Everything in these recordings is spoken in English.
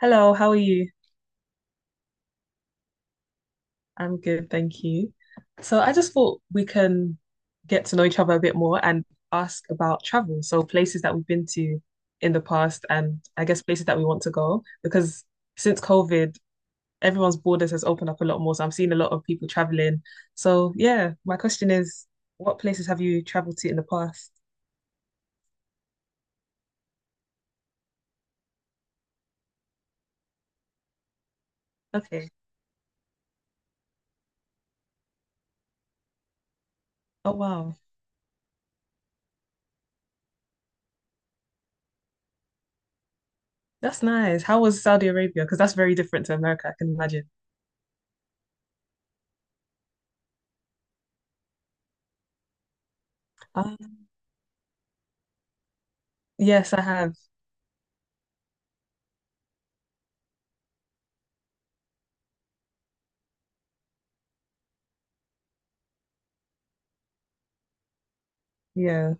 Hello, how are you? I'm good, thank you. So I just thought we can get to know each other a bit more and ask about travel. So places that we've been to in the past and I guess places that we want to go because since COVID, everyone's borders has opened up a lot more. So I'm seeing a lot of people traveling. So yeah, my question is, what places have you traveled to in the past? Okay. Oh wow. That's nice. How was Saudi Arabia? Because that's very different to America, I can imagine. Um, yes, I have. Yeah,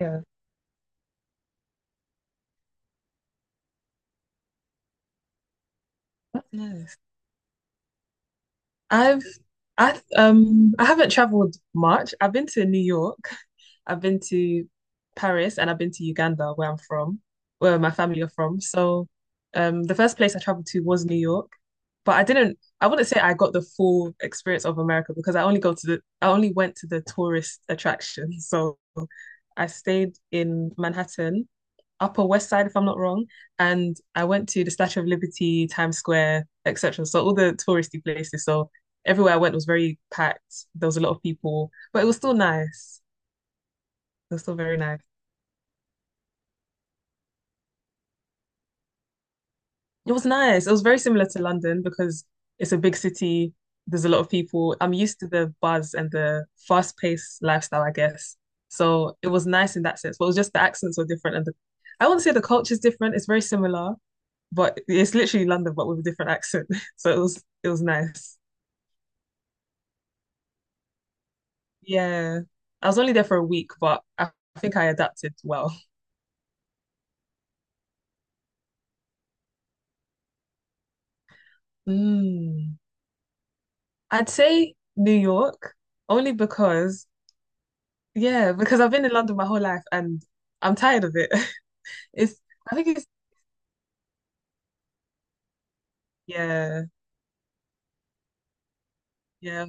yeah. That's nice. I've I haven't traveled much. I've been to New York. I've been to Paris and I've been to Uganda, where I'm from, where my family are from. So the first place I traveled to was New York, but I didn't. I wouldn't say I got the full experience of America because I only went to the tourist attractions. So I stayed in Manhattan, Upper West Side, if I'm not wrong, and I went to the Statue of Liberty, Times Square, etc. So all the touristy places. So everywhere I went was very packed. There was a lot of people, but it was still nice. That's still very nice. It was nice. It was very similar to London because it's a big city. There's a lot of people. I'm used to the buzz and the fast-paced lifestyle, I guess. So it was nice in that sense. But it was just the accents were different and the I wouldn't say the culture's different. It's very similar, but it's literally London, but with a different accent. So it was nice. Yeah. I was only there for a week, but I think I adapted well. Mm. I'd say New York only because, yeah, because I've been in London my whole life and I'm tired of it. It's, I think it's, Yeah, yeah.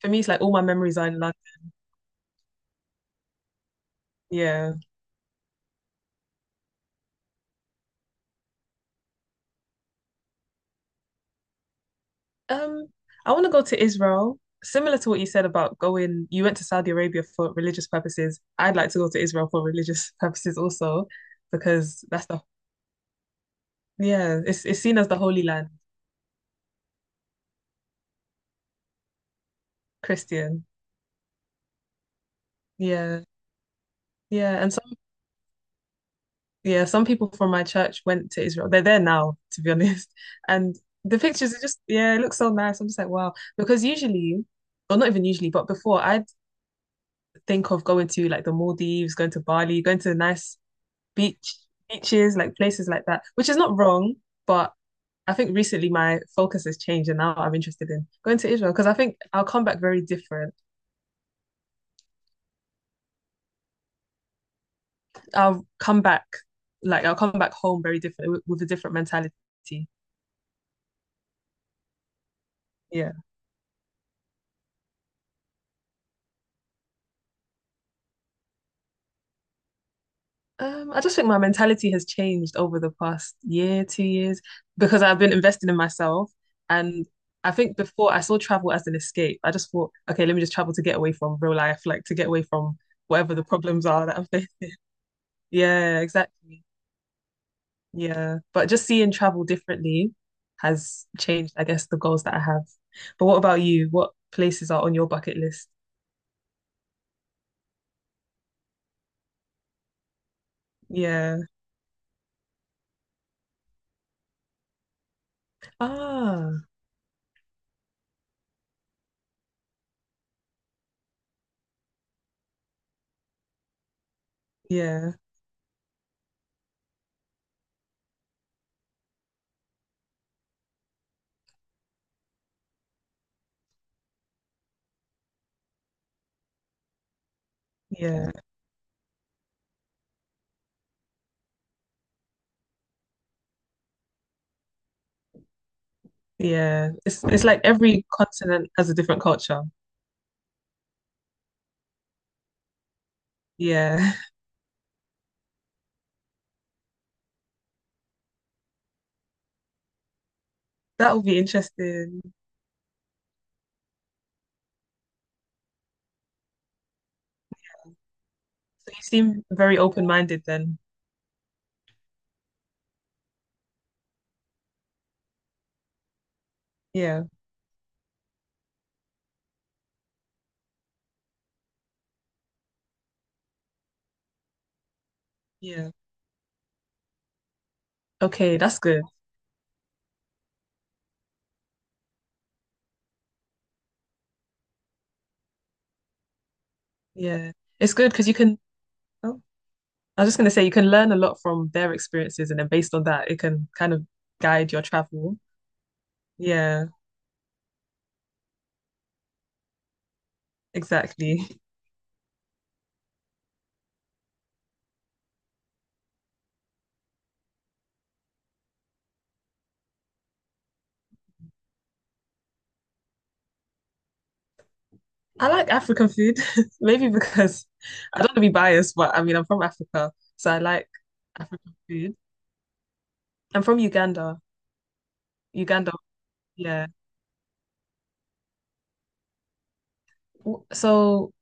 For me, it's like all my memories are in London. Yeah. Um, I want to go to Israel. Similar to what you said about going, you went to Saudi Arabia for religious purposes. I'd like to go to Israel for religious purposes also, because yeah, it's seen as the Holy Land. Christian. Yeah. Yeah. And yeah, some people from my church went to Israel. They're there now, to be honest. And the pictures are just, yeah, it looks so nice. I'm just like, wow. Because usually, or not even usually, but before, I'd think of going to like the Maldives, going to Bali, going to nice beach beaches, like places like that, which is not wrong, but I think recently my focus has changed and now I'm interested in going to Israel because I think I'll come back very different. I'll come back, like I'll come back home very different with a different mentality. Yeah. I just think my mentality has changed over the past year, 2 years, because I've been investing in myself. And I think before I saw travel as an escape. I just thought, okay, let me just travel to get away from real life, like to get away from whatever the problems are that I'm facing. Yeah, exactly. Yeah. But just seeing travel differently has changed, I guess, the goals that I have. But what about you? What places are on your bucket list? Yeah. Ah, yeah, yeah. Yeah, it's like every continent has a different culture. Yeah, that will be interesting. So you seem very open-minded then. Yeah, yeah. Okay, that's good. Yeah, it's good because you can. Oh, I was just gonna say you can learn a lot from their experiences, and then based on that, it can kind of guide your travel. Yeah, exactly. I like African food, maybe because I don't want to be biased, but I mean I'm from Africa, so I like African food. I'm from Uganda. Uganda, yeah. So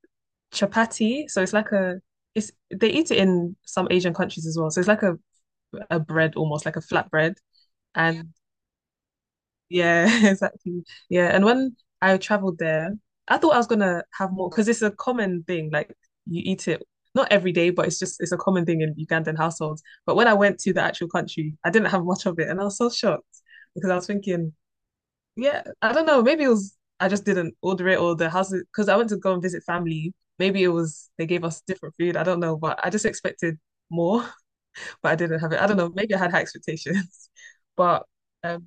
chapati, so it's like a it's they eat it in some Asian countries as well. So it's like a bread almost like a flat bread. Yeah. And yeah, exactly. Yeah. And when I traveled there, I thought I was gonna have more because it's a common thing. Like you eat it not every day, but it's a common thing in Ugandan households. But when I went to the actual country, I didn't have much of it and I was so shocked because I was thinking, yeah, I don't know. Maybe it was I just didn't order it or the house because I went to go and visit family. Maybe it was they gave us different food. I don't know, but I just expected more, but I didn't have it. I don't know. Maybe I had high expectations. But um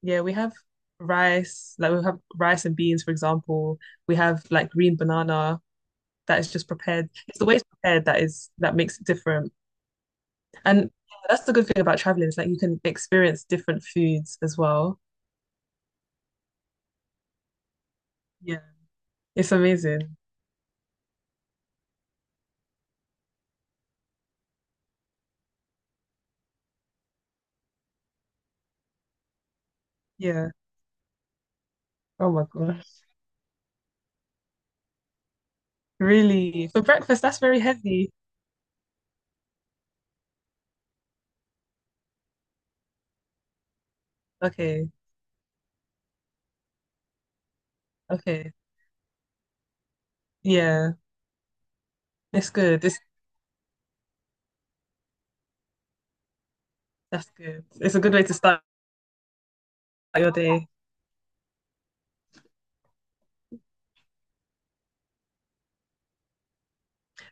yeah, we have rice, like we have rice and beans, for example. We have like green banana that is just prepared. It's the way it's prepared that is that makes it different. And that's the good thing about traveling, is like you can experience different foods as well. Yeah. It's amazing. Yeah. Oh my gosh. Really? For breakfast, that's very heavy. Okay. Okay. Yeah. It's that's good. It's a good way to start your day.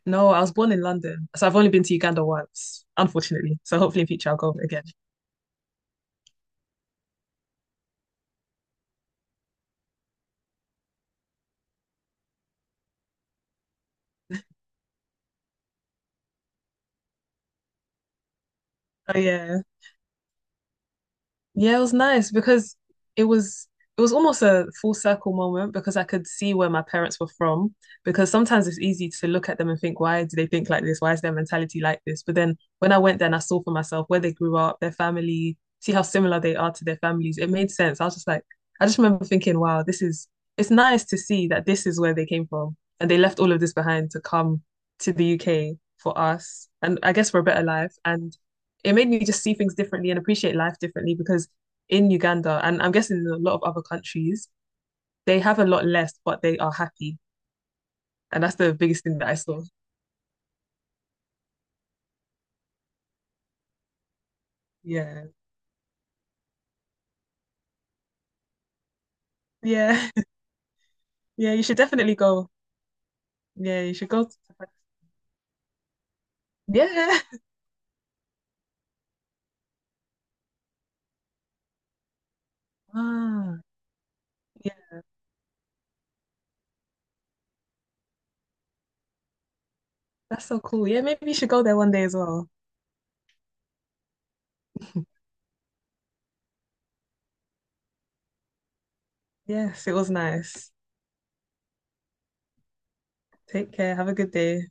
No, I was born in London, so I've only been to Uganda once, unfortunately. So hopefully in future I'll go again. Oh yeah. Yeah, it was nice because it was it was almost a full circle moment because I could see where my parents were from. Because sometimes it's easy to look at them and think, why do they think like this? Why is their mentality like this? But then when I went there and I saw for myself where they grew up, their family, see how similar they are to their families, it made sense. I was just like, I just remember thinking, wow, this is it's nice to see that this is where they came from. And they left all of this behind to come to the UK for us and I guess for a better life. And it made me just see things differently and appreciate life differently because in Uganda and I'm guessing in a lot of other countries, they have a lot less, but they are happy. And that's the biggest thing that I saw. Yeah. Yeah. Yeah. You should definitely go. Yeah. You should go. Yeah. Ah, yeah. That's so cool. Yeah. Maybe you should go there one day as well. Yes. It was nice. Take care. Have a good day.